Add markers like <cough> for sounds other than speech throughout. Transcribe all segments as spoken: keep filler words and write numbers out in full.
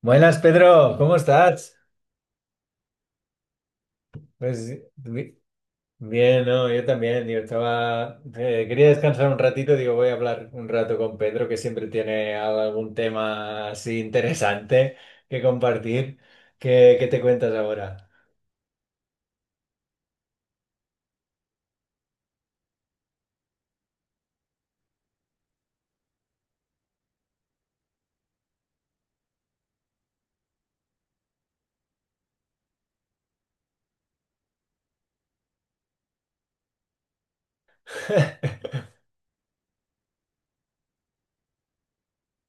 Buenas, Pedro, ¿cómo estás? Pues bi- bien, no, yo también. Yo estaba. eh, quería descansar un ratito, digo, voy a hablar un rato con Pedro, que siempre tiene al- algún tema así interesante que compartir. ¿Qué, qué te cuentas ahora? <laughs>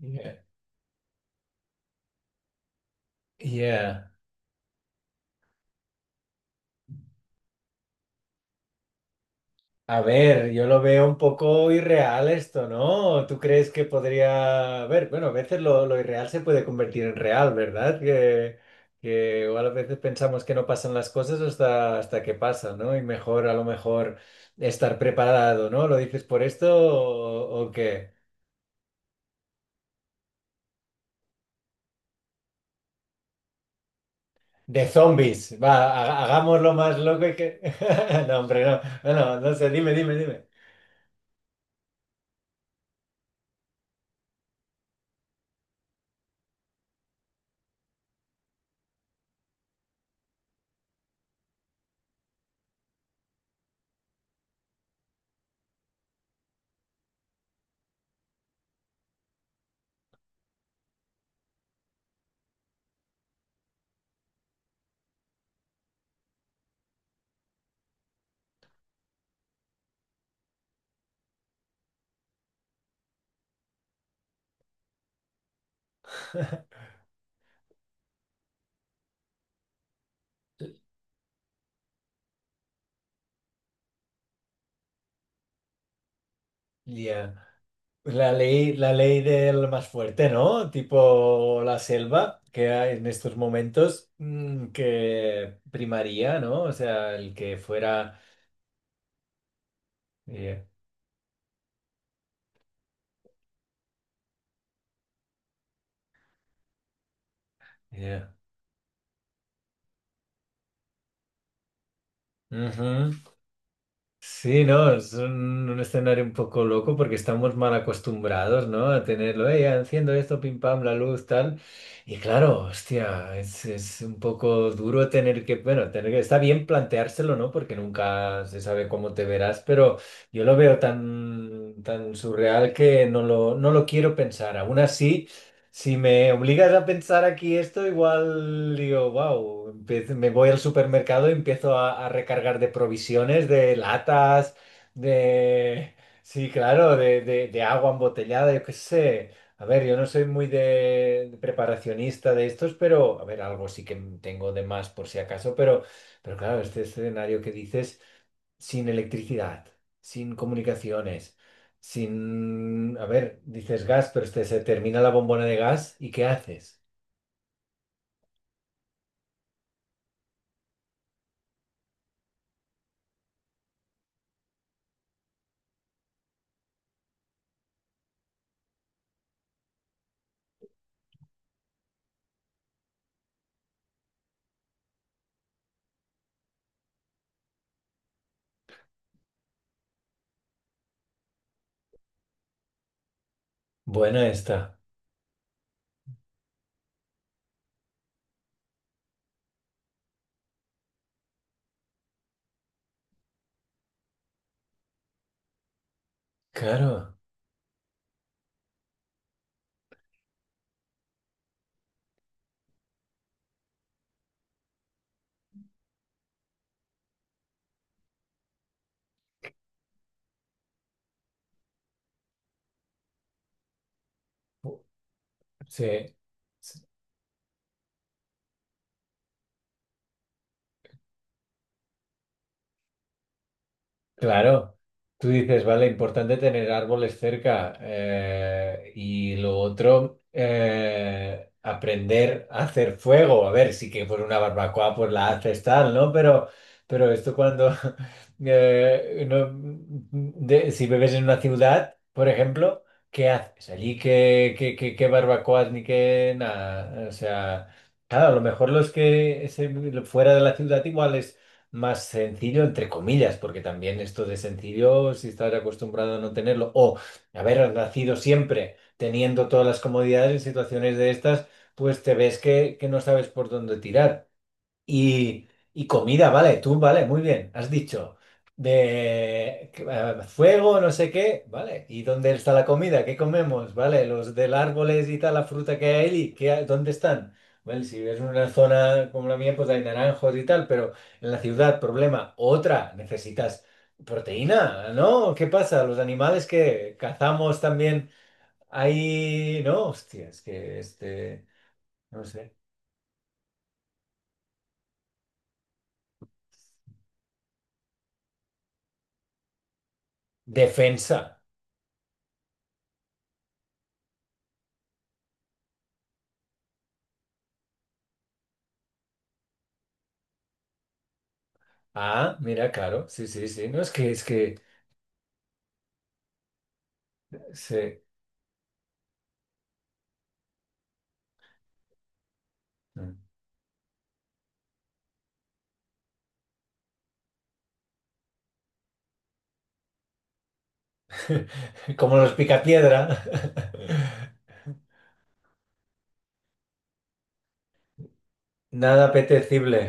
Yeah. Yeah. A ver, yo lo veo un poco irreal esto, ¿no? ¿Tú crees que podría... A ver, bueno, a veces lo, lo irreal se puede convertir en real, ¿verdad? Que, que igual a veces pensamos que no pasan las cosas hasta, hasta que pasan, ¿no? Y mejor a lo mejor estar preparado, ¿no? ¿Lo dices por esto o, o qué? De zombies, va, ha- hagámoslo más loco y que... <laughs> No, hombre, no, no, no no sé, dime, dime, dime. <laughs> Ya. Pues La ley, la ley del más fuerte, ¿no? Tipo la selva, que hay en estos momentos mm, que primaría, ¿no? O sea, el que fuera... Yeah, yeah. Ujú. Sí, no, es un, un escenario un poco loco porque estamos mal acostumbrados, ¿no? A tenerlo, eh, enciendo esto, pim pam, la luz, tal. Y claro, hostia, es, es un poco duro tener que, bueno, tener que, está bien planteárselo, ¿no? Porque nunca se sabe cómo te verás, pero yo lo veo tan, tan surreal que no lo, no lo quiero pensar. Aún así. Si me obligas a pensar aquí esto, igual digo, wow, me voy al supermercado y empiezo a, a recargar de provisiones, de latas, de... Sí, claro, de, de- de agua embotellada, yo qué sé. A ver, yo no soy muy de, de preparacionista de estos, pero, a ver, algo sí que tengo de más por si acaso, pero, pero claro, este escenario que dices sin electricidad, sin comunicaciones, sin... A ver, dices gas, pero este, se termina la bombona de gas y ¿qué haces? Buena esta. Claro. Sí. Claro, tú dices, vale, importante tener árboles cerca eh, y lo otro, eh, aprender a hacer fuego. A ver, sí que por una barbacoa pues la haces tal, ¿no? Pero, pero esto cuando, <laughs> eh, no- de- si bebes en una ciudad, por ejemplo, ¿qué haces? Allí qué, qué- qué- qué barbacoas ni qué nada. O sea, claro, a lo mejor los que se- fuera de la ciudad igual más sencillo, entre comillas, porque también esto de sencillo, si estás acostumbrado a no tenerlo, o haber nacido siempre teniendo todas las comodidades en situaciones de estas, pues te ves que, que no sabes por dónde tirar. Y, y comida, vale, tú, vale, muy bien, has dicho. De que, eh, fuego, no sé qué, vale. ¿Y dónde está la comida? ¿Qué comemos? Vale, los del árboles y tal, la fruta que hay ahí, ¿qué, hay- dónde están? Vale, si es una zona como la mía, pues hay naranjos y tal, pero en la ciudad, problema, otra, necesitas proteína, ¿no? ¿Qué pasa? Los animales que cazamos también, hay, no, hostias, que este, no sé, defensa. Ah, mira, claro, sí, sí, sí. No, es que, es que, sí. <laughs> Como los picapiedra. <laughs> Nada apetecible.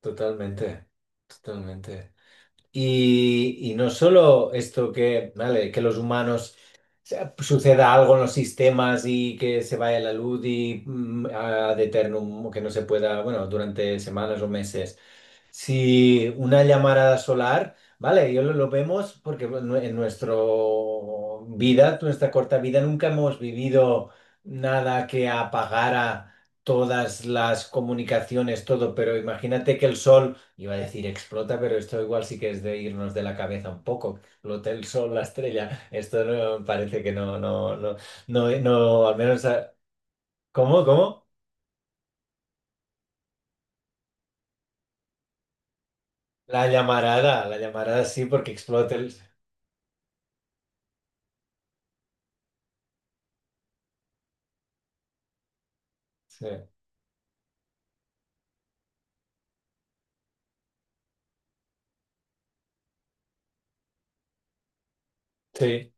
Totalmente, totalmente. Y, y no solo esto que, vale, que los humanos o sea, suceda algo en los sistemas y que se vaya la luz y mm, ad eternum, que no se pueda, bueno, durante semanas o meses. Si una llamarada solar, vale, yo lo, lo vemos porque bueno, en nuestra vida, nuestra corta vida, nunca hemos vivido nada que apagara todas las comunicaciones, todo, pero imagínate que el sol, iba a decir explota, pero esto igual sí que es de irnos de la cabeza un poco, explota el sol, la estrella, esto no, parece que no, no, no, no, no, al menos, ah, ¿cómo, cómo? La llamarada, la llamarada sí, porque explota el... Sí. Sí.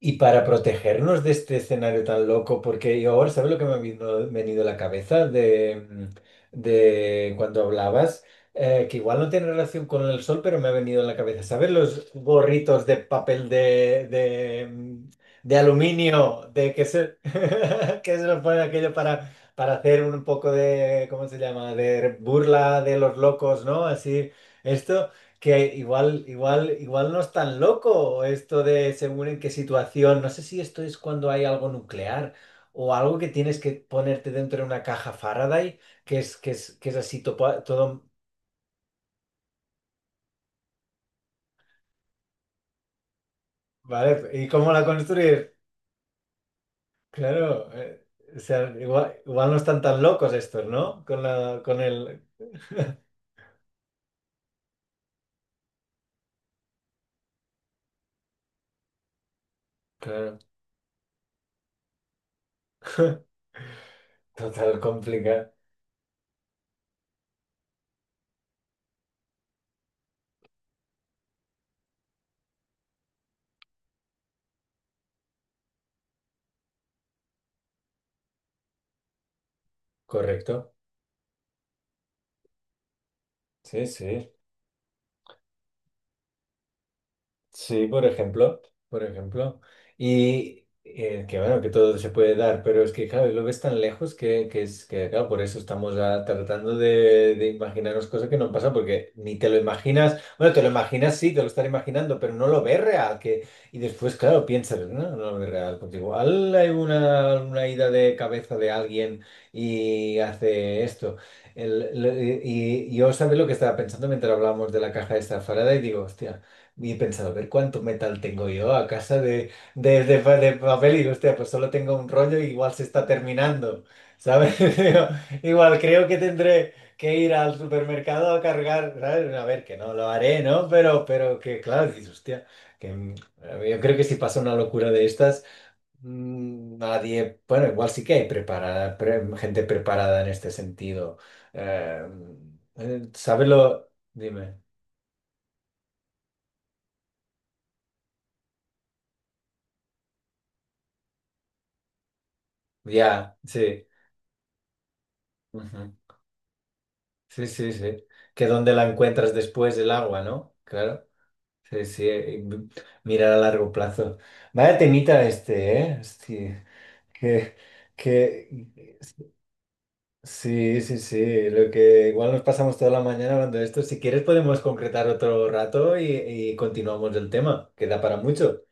Y para protegernos de este escenario tan loco, porque yo ahora, ¿sabes lo que me ha vino- venido a la cabeza de, de cuando hablabas? Eh, que igual no tiene relación con el sol, pero me ha venido a la cabeza. ¿Sabes los gorritos de papel de, de, de aluminio de que se, <laughs> que se lo pone aquello para, para hacer un poco de, ¿cómo se llama? De burla de los locos, ¿no? Así, esto que igual, igual, igual no es tan loco esto de según en qué situación. No sé si esto es cuando hay algo nuclear o algo que tienes que ponerte dentro de una caja Faraday, que es, que es, que es así topa- todo. ¿Vale? ¿Y cómo la construir? Claro. eh, o sea, igual, igual no están tan locos estos, ¿no? Con la, con el. Claro. <laughs> Total complicado. Correcto. Sí, sí. Sí, por ejemplo, por ejemplo. Y eh, que bueno, que todo se puede dar, pero es que claro, lo ves tan lejos que, que es que claro, por eso estamos ah, tratando de, de imaginarnos cosas que no pasan porque ni te lo imaginas, bueno, te lo imaginas, sí, te lo estás imaginando, pero no lo ves real, que, y después, claro, piensas, no, no lo ves real, pues igual hay una, una ida de cabeza de alguien y hace esto. El- lo- y, y yo, ¿sabes lo que estaba pensando mientras hablábamos de la caja esta de Faraday? Digo, hostia. Y he pensado, a ver cuánto metal tengo yo a casa de, de, de, pa- de papel. Y digo, hostia, pues solo tengo un rollo y igual se está terminando, ¿sabes? <laughs> Digo, igual creo que tendré que ir al supermercado a cargar, ¿sabes? A ver, que no lo haré, ¿no? Pero, pero que, claro, dices, hostia, que mm, yo creo que si pasa una locura de estas, mm, nadie, bueno, igual sí que hay preparada, pre- gente preparada en este sentido. Eh, eh, ¿sabes lo? Dime. Ya, sí. Ujú. Sí, sí, sí. Que dónde la encuentras después del agua, ¿no? Claro. Sí, sí. eh, Mirar a largo plazo. Vaya temita este, ¿eh? Hostia, que, que... Sí, sí, sí. Lo que igual nos pasamos toda la mañana hablando de esto. Si quieres podemos concretar otro rato y, y continuamos el tema. Queda para mucho.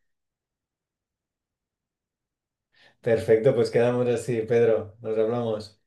Perfecto, pues quedamos así, Pedro. Nos hablamos.